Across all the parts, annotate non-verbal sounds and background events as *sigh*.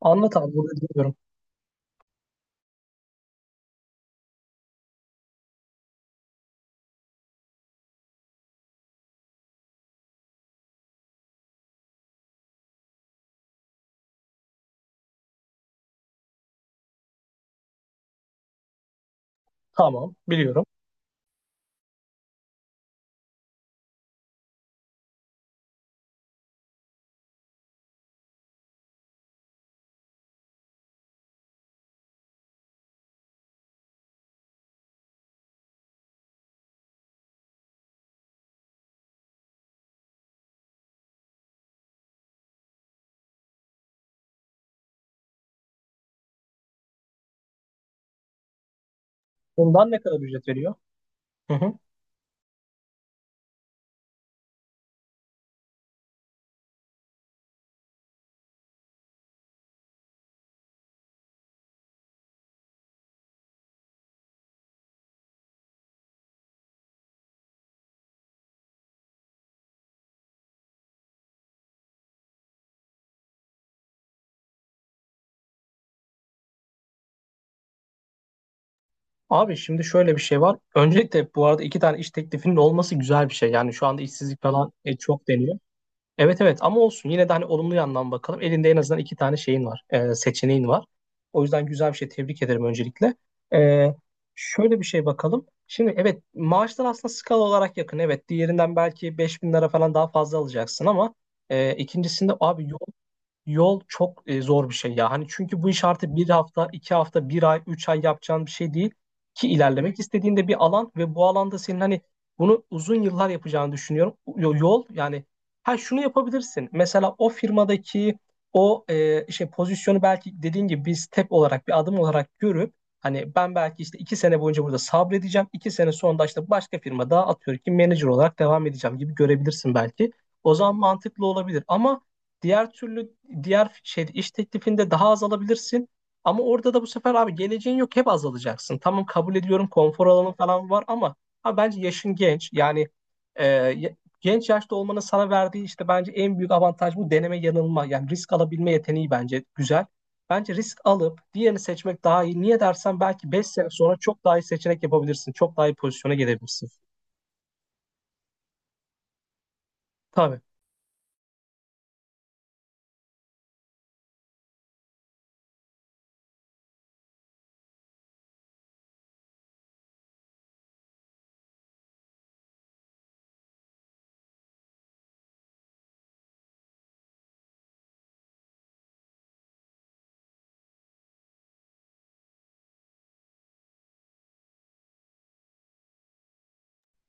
Anlat abi bunu dinliyorum. Tamam biliyorum. Bundan ne kadar ücret veriyor? Hı hı. Abi şimdi şöyle bir şey var. Öncelikle bu arada iki tane iş teklifinin olması güzel bir şey. Yani şu anda işsizlik falan çok deniyor. Evet evet ama olsun yine de hani olumlu yandan bakalım. Elinde en azından iki tane şeyin var. Seçeneğin var. O yüzden güzel bir şey tebrik ederim öncelikle. E, Şöyle bir şey bakalım. Şimdi evet maaşlar aslında skala olarak yakın. Evet diğerinden belki 5.000 lira falan daha fazla alacaksın ama ikincisinde abi yol. Çok zor bir şey ya. Hani çünkü bu iş artık bir hafta, 2 hafta, bir ay, 3 ay yapacağın bir şey değil. Ki ilerlemek istediğinde bir alan ve bu alanda senin hani bunu uzun yıllar yapacağını düşünüyorum. Yol yani, ha şunu yapabilirsin. Mesela o firmadaki o işte pozisyonu belki dediğin gibi bir step olarak, bir adım olarak görüp hani ben belki işte 2 sene boyunca burada sabredeceğim. 2 sene sonra da işte başka firma daha atıyorum ki manager olarak devam edeceğim gibi görebilirsin belki. O zaman mantıklı olabilir ama diğer türlü, diğer şey iş teklifinde daha az alabilirsin. Ama orada da bu sefer abi geleceğin yok, hep azalacaksın. Tamam kabul ediyorum, konfor alanı falan var ama abi bence yaşın genç. Yani e, ya- genç yaşta olmanın sana verdiği işte bence en büyük avantaj bu deneme yanılma. Yani risk alabilme yeteneği bence güzel. Bence risk alıp diğerini seçmek daha iyi. Niye dersen belki 5 sene sonra çok daha iyi seçenek yapabilirsin. Çok daha iyi pozisyona gelebilirsin. Tabii.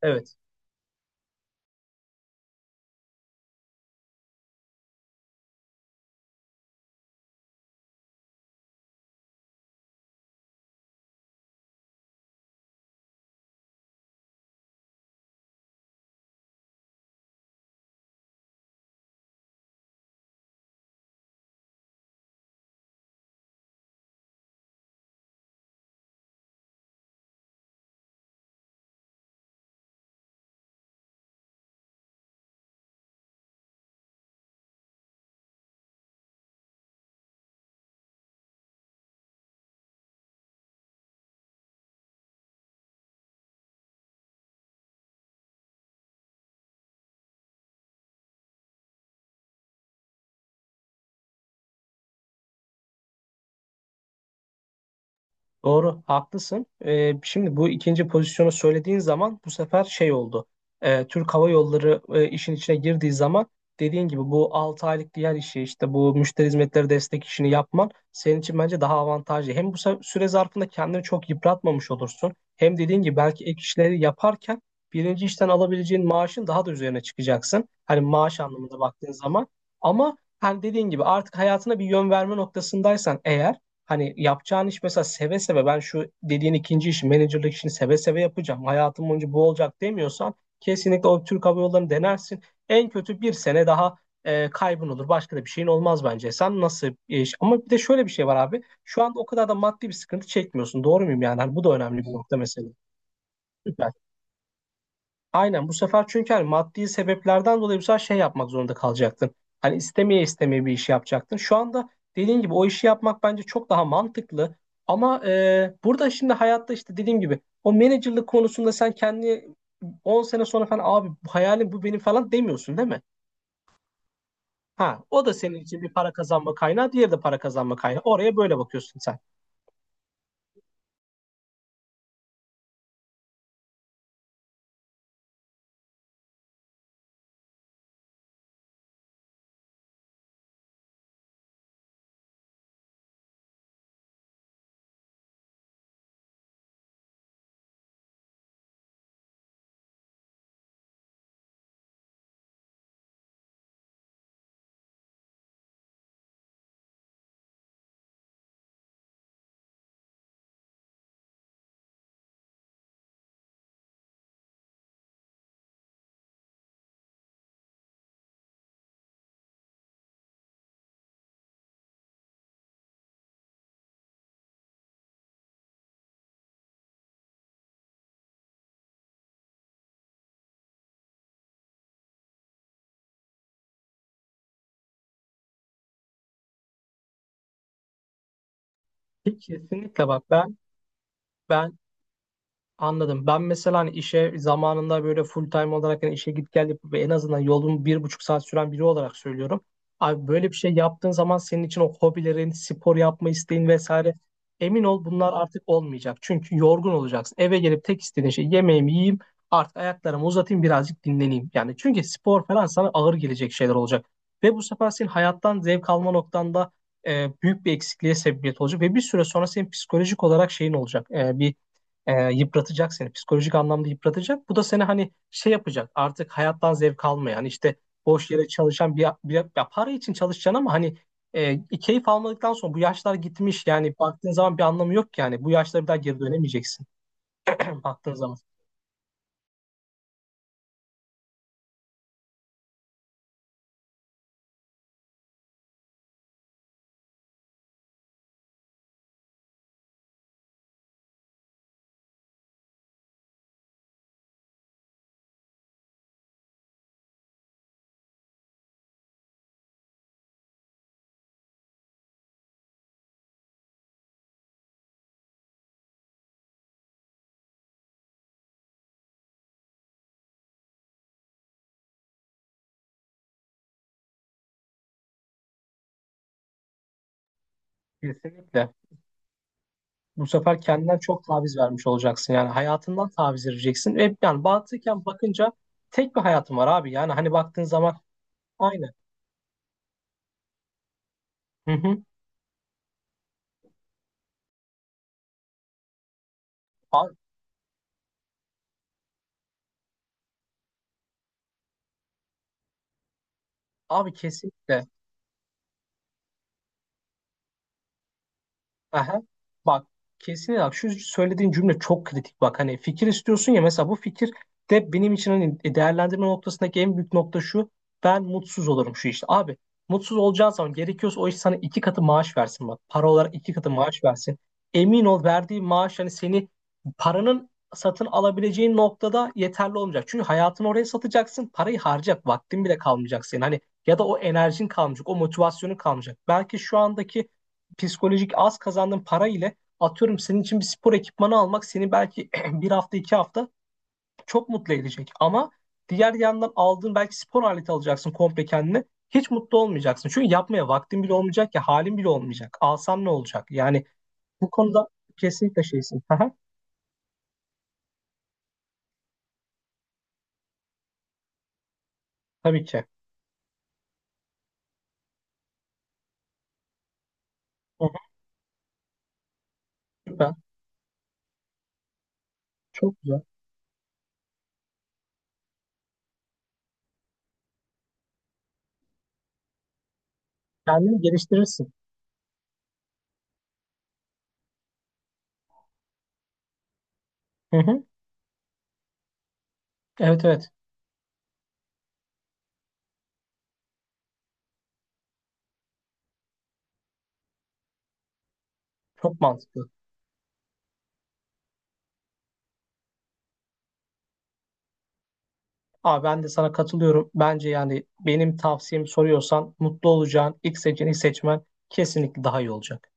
Evet. Doğru, haklısın. Şimdi bu ikinci pozisyonu söylediğin zaman bu sefer şey oldu. Türk Hava Yolları işin içine girdiği zaman dediğin gibi bu 6 aylık diğer işi, işte bu müşteri hizmetleri destek işini yapman senin için bence daha avantajlı. Hem bu süre zarfında kendini çok yıpratmamış olursun. Hem dediğin gibi belki ek işleri yaparken birinci işten alabileceğin maaşın daha da üzerine çıkacaksın. Hani maaş anlamında baktığın zaman. Ama hani dediğin gibi artık hayatına bir yön verme noktasındaysan eğer, hani yapacağın iş mesela seve seve, ben şu dediğin ikinci işi, menajerlik işini seve seve yapacağım, hayatım boyunca bu olacak demiyorsan kesinlikle o Türk Hava Yolları'nı denersin. En kötü bir sene daha kaybın olur. Başka da bir şeyin olmaz bence. Sen nasıl bir iş? Ama bir de şöyle bir şey var abi. Şu anda o kadar da maddi bir sıkıntı çekmiyorsun. Doğru muyum yani? Hani bu da önemli bir nokta mesela. Süper. Aynen, bu sefer çünkü hani maddi sebeplerden dolayı bu sefer şey yapmak zorunda kalacaktın. Hani istemeye istemeye bir iş yapacaktın. Şu anda dediğin gibi o işi yapmak bence çok daha mantıklı. Ama burada şimdi hayatta işte dediğim gibi o menajerlik konusunda sen kendi 10 sene sonra falan abi bu hayalim, bu benim falan demiyorsun değil mi? Ha, o da senin için bir para kazanma kaynağı, diğeri de para kazanma kaynağı. Oraya böyle bakıyorsun sen. Kesinlikle bak, ben anladım. Ben mesela hani işe zamanında böyle full time olarak hani işe git gel yapıp en azından yolun 1,5 saat süren biri olarak söylüyorum. Abi böyle bir şey yaptığın zaman senin için o hobilerin, spor yapma isteğin vesaire, emin ol bunlar artık olmayacak. Çünkü yorgun olacaksın. Eve gelip tek istediğin şey yemeğimi yiyeyim, artık ayaklarımı uzatayım, birazcık dinleneyim. Yani çünkü spor falan sana ağır gelecek şeyler olacak. Ve bu sefer senin hayattan zevk alma noktanda büyük bir eksikliğe sebebiyet olacak. Ve bir süre sonra senin psikolojik olarak şeyin olacak. Yıpratacak seni. Psikolojik anlamda yıpratacak. Bu da seni hani şey yapacak. Artık hayattan zevk almayan, işte boş yere çalışan bir, ya para için çalışacaksın ama hani keyif almadıktan sonra bu yaşlar gitmiş. Yani baktığın zaman bir anlamı yok ki yani. Bu yaşlara bir daha geri dönemeyeceksin. *laughs* Baktığın zaman. Kesinlikle. Bu sefer kendinden çok taviz vermiş olacaksın. Yani hayatından taviz vereceksin. Ve yani mantıken bakınca tek bir hayatın var abi. Yani hani baktığın zaman aynı. Hı hı. Abi, abi kesinlikle. Aha. Bak kesinlikle bak, şu söylediğin cümle çok kritik bak. Hani fikir istiyorsun ya, mesela bu fikir de benim için hani değerlendirme noktasındaki en büyük nokta şu: ben mutsuz olurum şu işte abi. Mutsuz olacağın zaman gerekiyorsa o iş sana iki katı maaş versin, bak para olarak iki katı maaş versin, emin ol verdiği maaş hani seni, paranın satın alabileceğin noktada yeterli olmayacak, çünkü hayatını oraya satacaksın. Parayı harcayacak vaktin bile kalmayacak senin, hani ya da o enerjin kalmayacak, o motivasyonun kalmayacak. Belki şu andaki psikolojik az kazandığın para ile atıyorum senin için bir spor ekipmanı almak seni belki *clears throat* bir hafta iki hafta çok mutlu edecek. Ama diğer yandan aldığın belki spor aleti alacaksın komple kendine, hiç mutlu olmayacaksın. Çünkü yapmaya vaktin bile olmayacak ya halin bile olmayacak. Alsan ne olacak? Yani bu konuda kesinlikle şeysin. Aha, tabii ki. Hı hı. Süper. Çok güzel. Kendini geliştirirsin. Hı hı. Evet evet. Çok mantıklı. Abi ben de sana katılıyorum. Bence yani benim tavsiyemi soruyorsan mutlu olacağın ilk seçeneği seçmen kesinlikle daha iyi olacak.